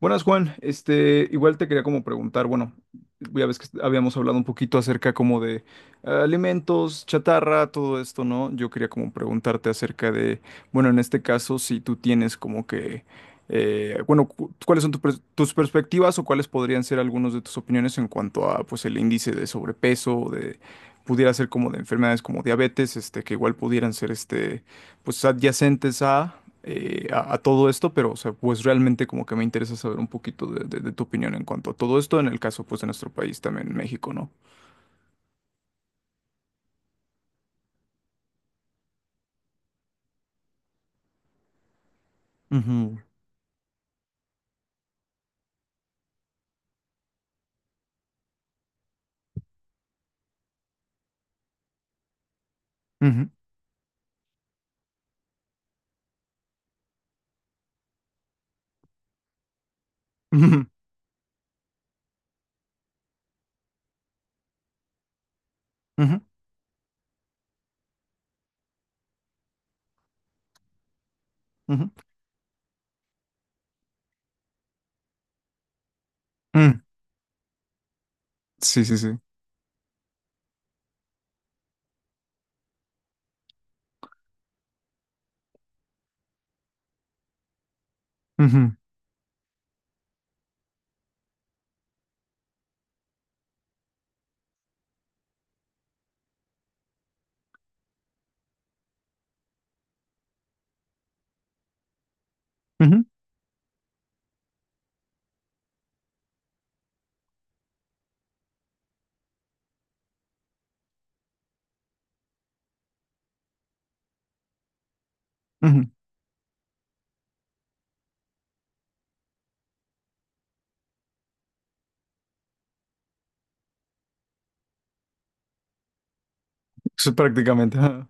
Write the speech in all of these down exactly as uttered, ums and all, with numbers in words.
Buenas, Juan. Este, igual te quería como preguntar, bueno, ya ves que habíamos hablado un poquito acerca como de eh, alimentos, chatarra, todo esto, ¿no? Yo quería como preguntarte acerca de, bueno, en este caso, si tú tienes como que, eh, bueno, cu- ¿cuáles son tu pers- tus perspectivas o cuáles podrían ser algunos de tus opiniones en cuanto a, pues, el índice de sobrepeso, de, pudiera ser como de enfermedades como diabetes, este, que igual pudieran ser, este pues adyacentes a, eh, a, a todo esto, pero o sea, pues realmente como que me interesa saber un poquito de, de- de tu opinión en cuanto a todo esto, en el caso pues de nuestro país también, México, ¿no? Ujú, ujú, ujú, ujú, ujú, mm. Sí, sí, sí. Ujú, ujú, ujú. Eso prácticamente. Ajá.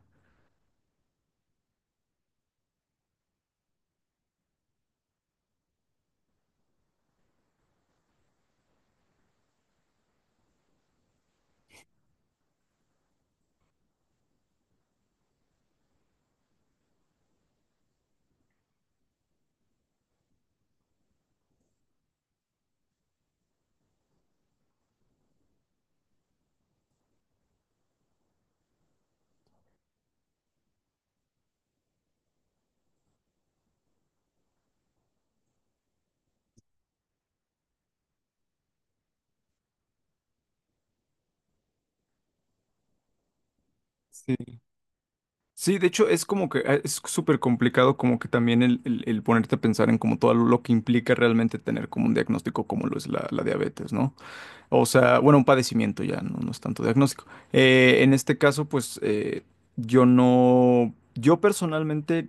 Sí. Sí, de hecho es como que eh, es súper complicado como que también el, el- el ponerte a pensar en como todo lo lo que implica realmente tener como un diagnóstico como lo es la, la diabetes, ¿no? O sea, bueno, un padecimiento ya, no, no es tanto diagnóstico. Eh, en este caso, pues eh, yo no, yo personalmente,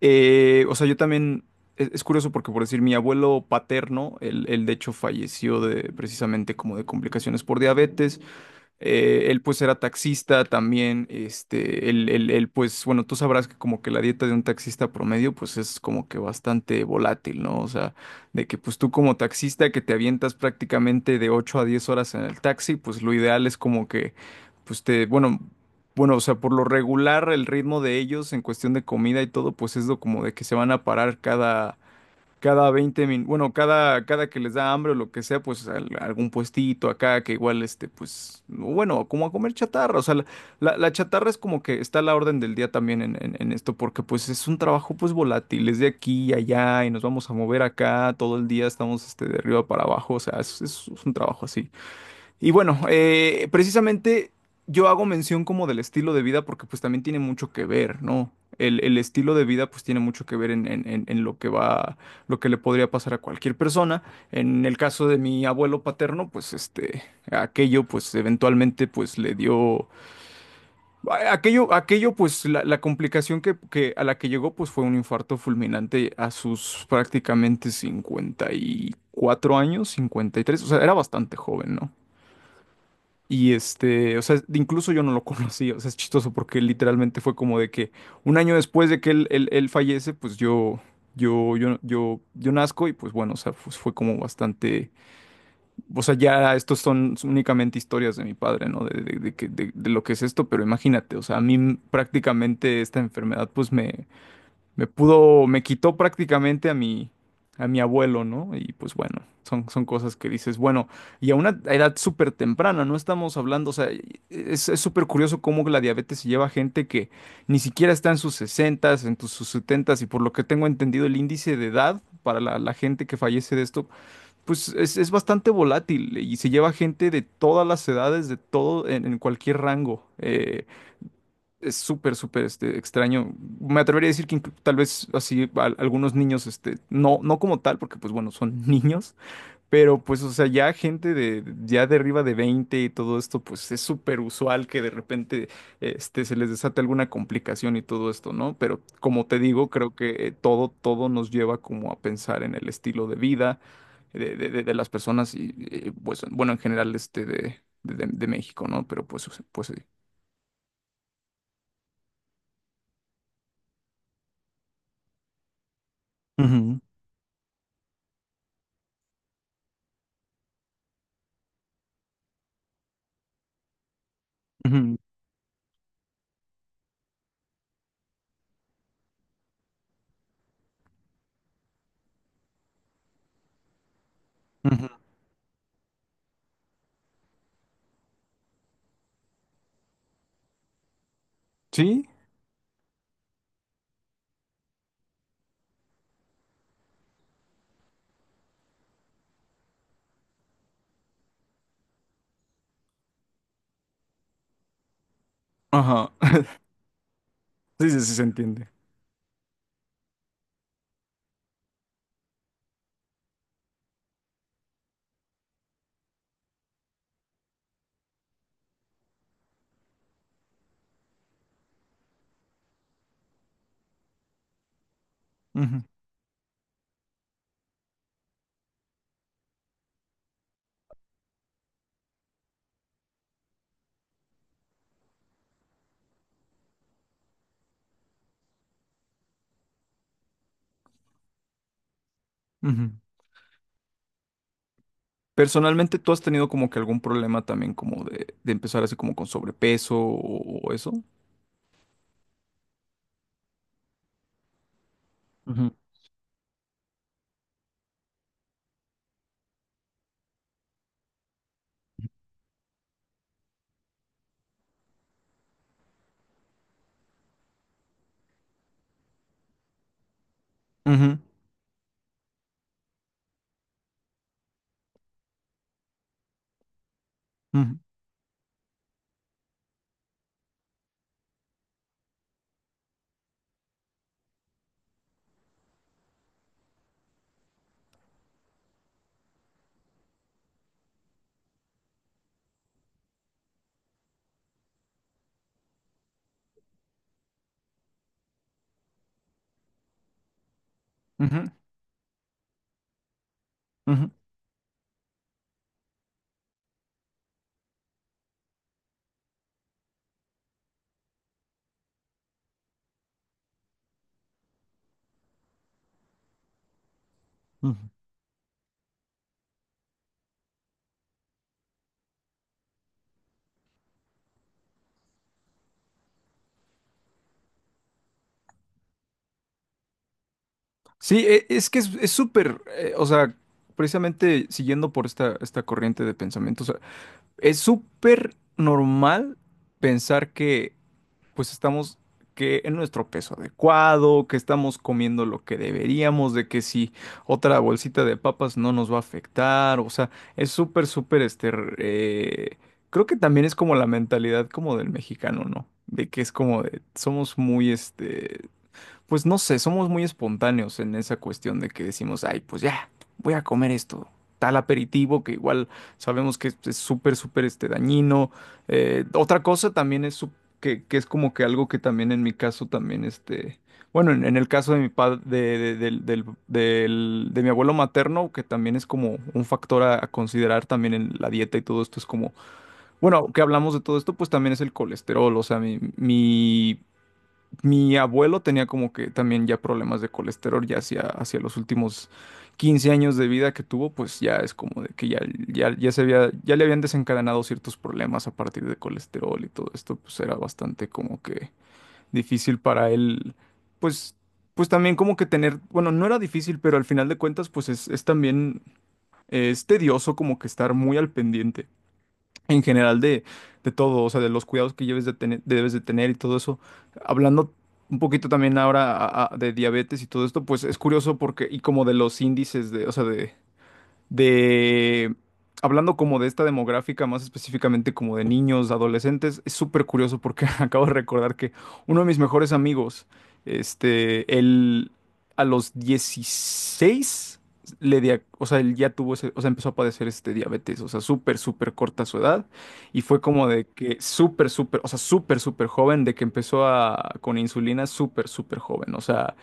eh, o sea, yo también, es, es curioso porque por decir, mi abuelo paterno, él, él de hecho falleció de precisamente como de complicaciones por diabetes. Eh, él pues era taxista también, este, él, él- él, pues, bueno, tú sabrás que como que la dieta de un taxista promedio pues es como que bastante volátil, ¿no? O sea, de que pues tú como taxista que te avientas prácticamente de ocho a diez horas en el taxi, pues lo ideal es como que, pues te, bueno, bueno, o sea, por lo regular el ritmo de ellos en cuestión de comida y todo, pues es lo como de que se van a parar cada cada veinte minutos, bueno, cada, cada que les da hambre o lo que sea, pues al- algún puestito acá que igual, este, pues, bueno, como a comer chatarra, o sea, la, la- la chatarra es como que está a la orden del día también en, en- en esto, porque pues es un trabajo pues volátil, es de aquí y allá y nos vamos a mover acá, todo el día estamos, este, de arriba para abajo, o sea, es, es un trabajo así. Y bueno, eh, precisamente yo hago mención como del estilo de vida porque pues también tiene mucho que ver, ¿no? El, el estilo de vida pues tiene mucho que ver en, en- en- en lo que va, lo que le podría pasar a cualquier persona. En el caso de mi abuelo paterno, pues este, aquello pues eventualmente pues le dio, a- aquello, aquello pues la, la complicación que, que a la que llegó pues fue un infarto fulminante a sus prácticamente cincuenta y cuatro años, cincuenta y tres, o sea, era bastante joven, ¿no? Y este, o sea, incluso yo no lo conocí, o sea, es chistoso porque literalmente fue como de que un año después de que él, él, él fallece, pues yo, yo, yo, yo, yo nazco y pues bueno, o sea, pues fue como bastante, o sea, ya estos son únicamente historias de mi padre, ¿no? De, de, de que- de- de lo que es esto, pero imagínate, o sea, a mí prácticamente esta enfermedad pues me, me pudo, me quitó prácticamente a mi, a mi abuelo, ¿no? Y pues bueno, son, son cosas que dices, bueno, y a una edad súper temprana, no estamos hablando, o sea, es, es súper curioso cómo la diabetes se lleva a gente que ni siquiera está en sus sesentas en tus- sus setenta, y por lo que tengo entendido, el índice de edad para la, la gente que fallece de esto, pues es, es bastante volátil y se lleva gente de todas las edades, de todo, en, en cualquier rango. eh, es súper, súper este, extraño. Me atrevería a decir que inclu- tal vez así al- algunos niños, este, no, no como tal, porque pues bueno, son niños, pero pues o sea, ya gente de ya de arriba de veinte y todo esto, pues es súper usual que de repente este, se les desate alguna complicación y todo esto, ¿no? Pero como te digo, creo que eh, todo, todo nos lleva como a pensar en el estilo de vida de, de- de- de las personas y eh, pues bueno, en general este de, de, de- de México, ¿no? Pero pues, o sea, pues sí. Ujú, ujú, ujú. Sí, ajá. Sí, sí, sí, se entiende. Ujú, ujú. Personalmente, ¿tú has tenido como que algún problema también como de, de empezar así como con sobrepeso o, o eso? Ujú, ujú, ujú, ujú, ujú. Ujú. Sí, e- es que es es súper, eh, o sea, precisamente siguiendo por esta, esta corriente de pensamiento, o sea, es súper normal pensar que pues estamos que en nuestro peso adecuado, que estamos comiendo lo que deberíamos, de que si otra bolsita de papas no nos va a afectar, o sea, es súper, súper, este, eh, creo que también es como la mentalidad como del mexicano, ¿no? De que es como de, somos muy, este, pues no sé, somos muy espontáneos en esa cuestión de que decimos, ay, pues ya, voy a comer esto, tal aperitivo que igual sabemos que es es súper, súper este, dañino. Eh, otra cosa también es su- que, que es como que algo que también en mi caso también, este, bueno, en, en el caso de mi padre, de, de- del- del- del- de mi abuelo materno, que también es como un factor a, a considerar también en la dieta y todo esto, es como, bueno, que hablamos de todo esto, pues también es el colesterol, o sea, mi, mi mi abuelo tenía como que también ya problemas de colesterol, ya hacia, hacia los últimos quince años de vida que tuvo, pues ya es como de que ya, ya, ya se había, ya le habían desencadenado ciertos problemas a partir de colesterol y todo esto, pues era bastante como que difícil para él, pues, pues también como que tener, bueno, no era difícil, pero al final de cuentas, pues es, es también, eh, es tedioso como que estar muy al pendiente en general de, de todo, o sea, de los cuidados que lleves de tener, debes de tener y todo eso. Hablando un poquito también ahora a- a- de diabetes y todo esto, pues es curioso porque, y como de los índices de, o sea, de, de, hablando como de esta demográfica, más específicamente como de niños, adolescentes, es súper curioso porque acabo de recordar que uno de mis mejores amigos, este, él a los dieciséis le dia- o sea, él ya tuvo ese- o sea, empezó a padecer este diabetes, o sea, súper, súper corta su edad, y fue como de que súper, súper, o sea, súper, súper joven, de que empezó a, con insulina súper, súper joven, o sea,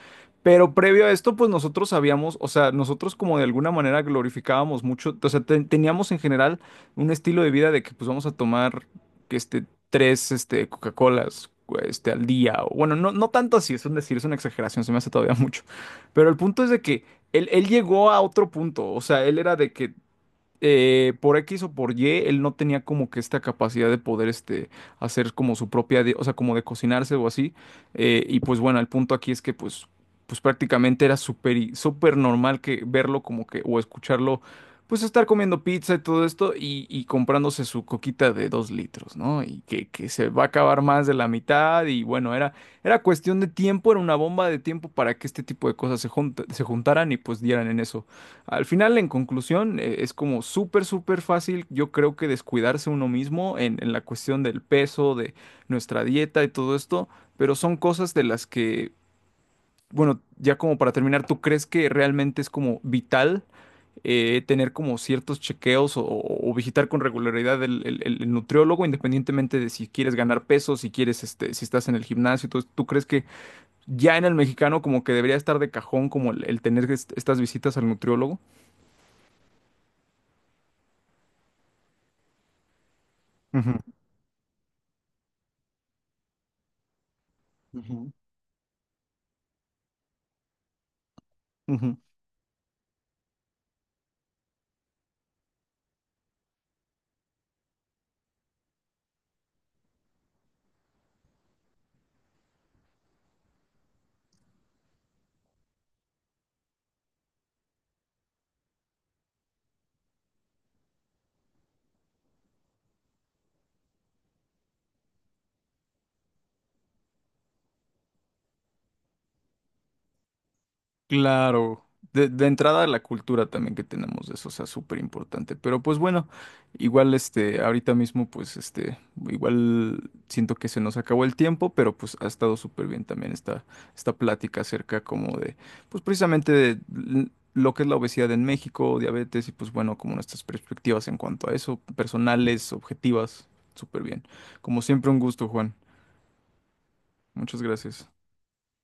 pero previo a esto, pues nosotros sabíamos, o sea, nosotros como de alguna manera glorificábamos mucho, o sea, ten- teníamos en general un estilo de vida de que pues vamos a tomar que este tres este Coca-Colas este al día o bueno, no no tanto así, es un decir, es una exageración, se me hace todavía mucho. Pero el punto es de que él él llegó a otro punto, o sea, él era de que eh, por X o por Y, él no tenía como que esta capacidad de poder este, hacer como su propia, di- o sea, como de cocinarse o así. Eh, y pues bueno, el punto aquí es que pues, pues prácticamente era súper y- súper normal que verlo como que, o escucharlo, pues estar comiendo pizza y todo esto y, y comprándose su coquita de dos litros, ¿no? Y que, que se va a acabar más de la mitad y bueno, era, era cuestión de tiempo, era una bomba de tiempo para que este tipo de cosas se junta- se juntaran y pues dieran en eso. Al final, en conclusión, eh, es como súper, súper fácil, yo creo que descuidarse uno mismo en, en la cuestión del peso, de nuestra dieta y todo esto, pero son cosas de las que, bueno, ya como para terminar, ¿tú crees que realmente es como vital eh, tener como ciertos chequeos o, o- o visitar con regularidad el, el- el- el nutriólogo, independientemente de si quieres ganar peso, si quieres, este, si estás en el gimnasio? ¿tú, tú crees que ya en el mexicano como que debería estar de cajón como el, el tener est- estas visitas al nutriólogo? Ujú. Ujú. Claro, de, de entrada la cultura también que tenemos de eso, o sea, súper importante. Pero pues bueno, igual este, ahorita mismo, pues este, igual siento que se nos acabó el tiempo, pero pues ha estado súper bien también esta, esta plática acerca como de, pues precisamente de l- lo que es la obesidad en México, diabetes y pues bueno, como nuestras perspectivas en cuanto a eso, personales, objetivas, súper bien. Como siempre, un gusto, Juan. Muchas gracias.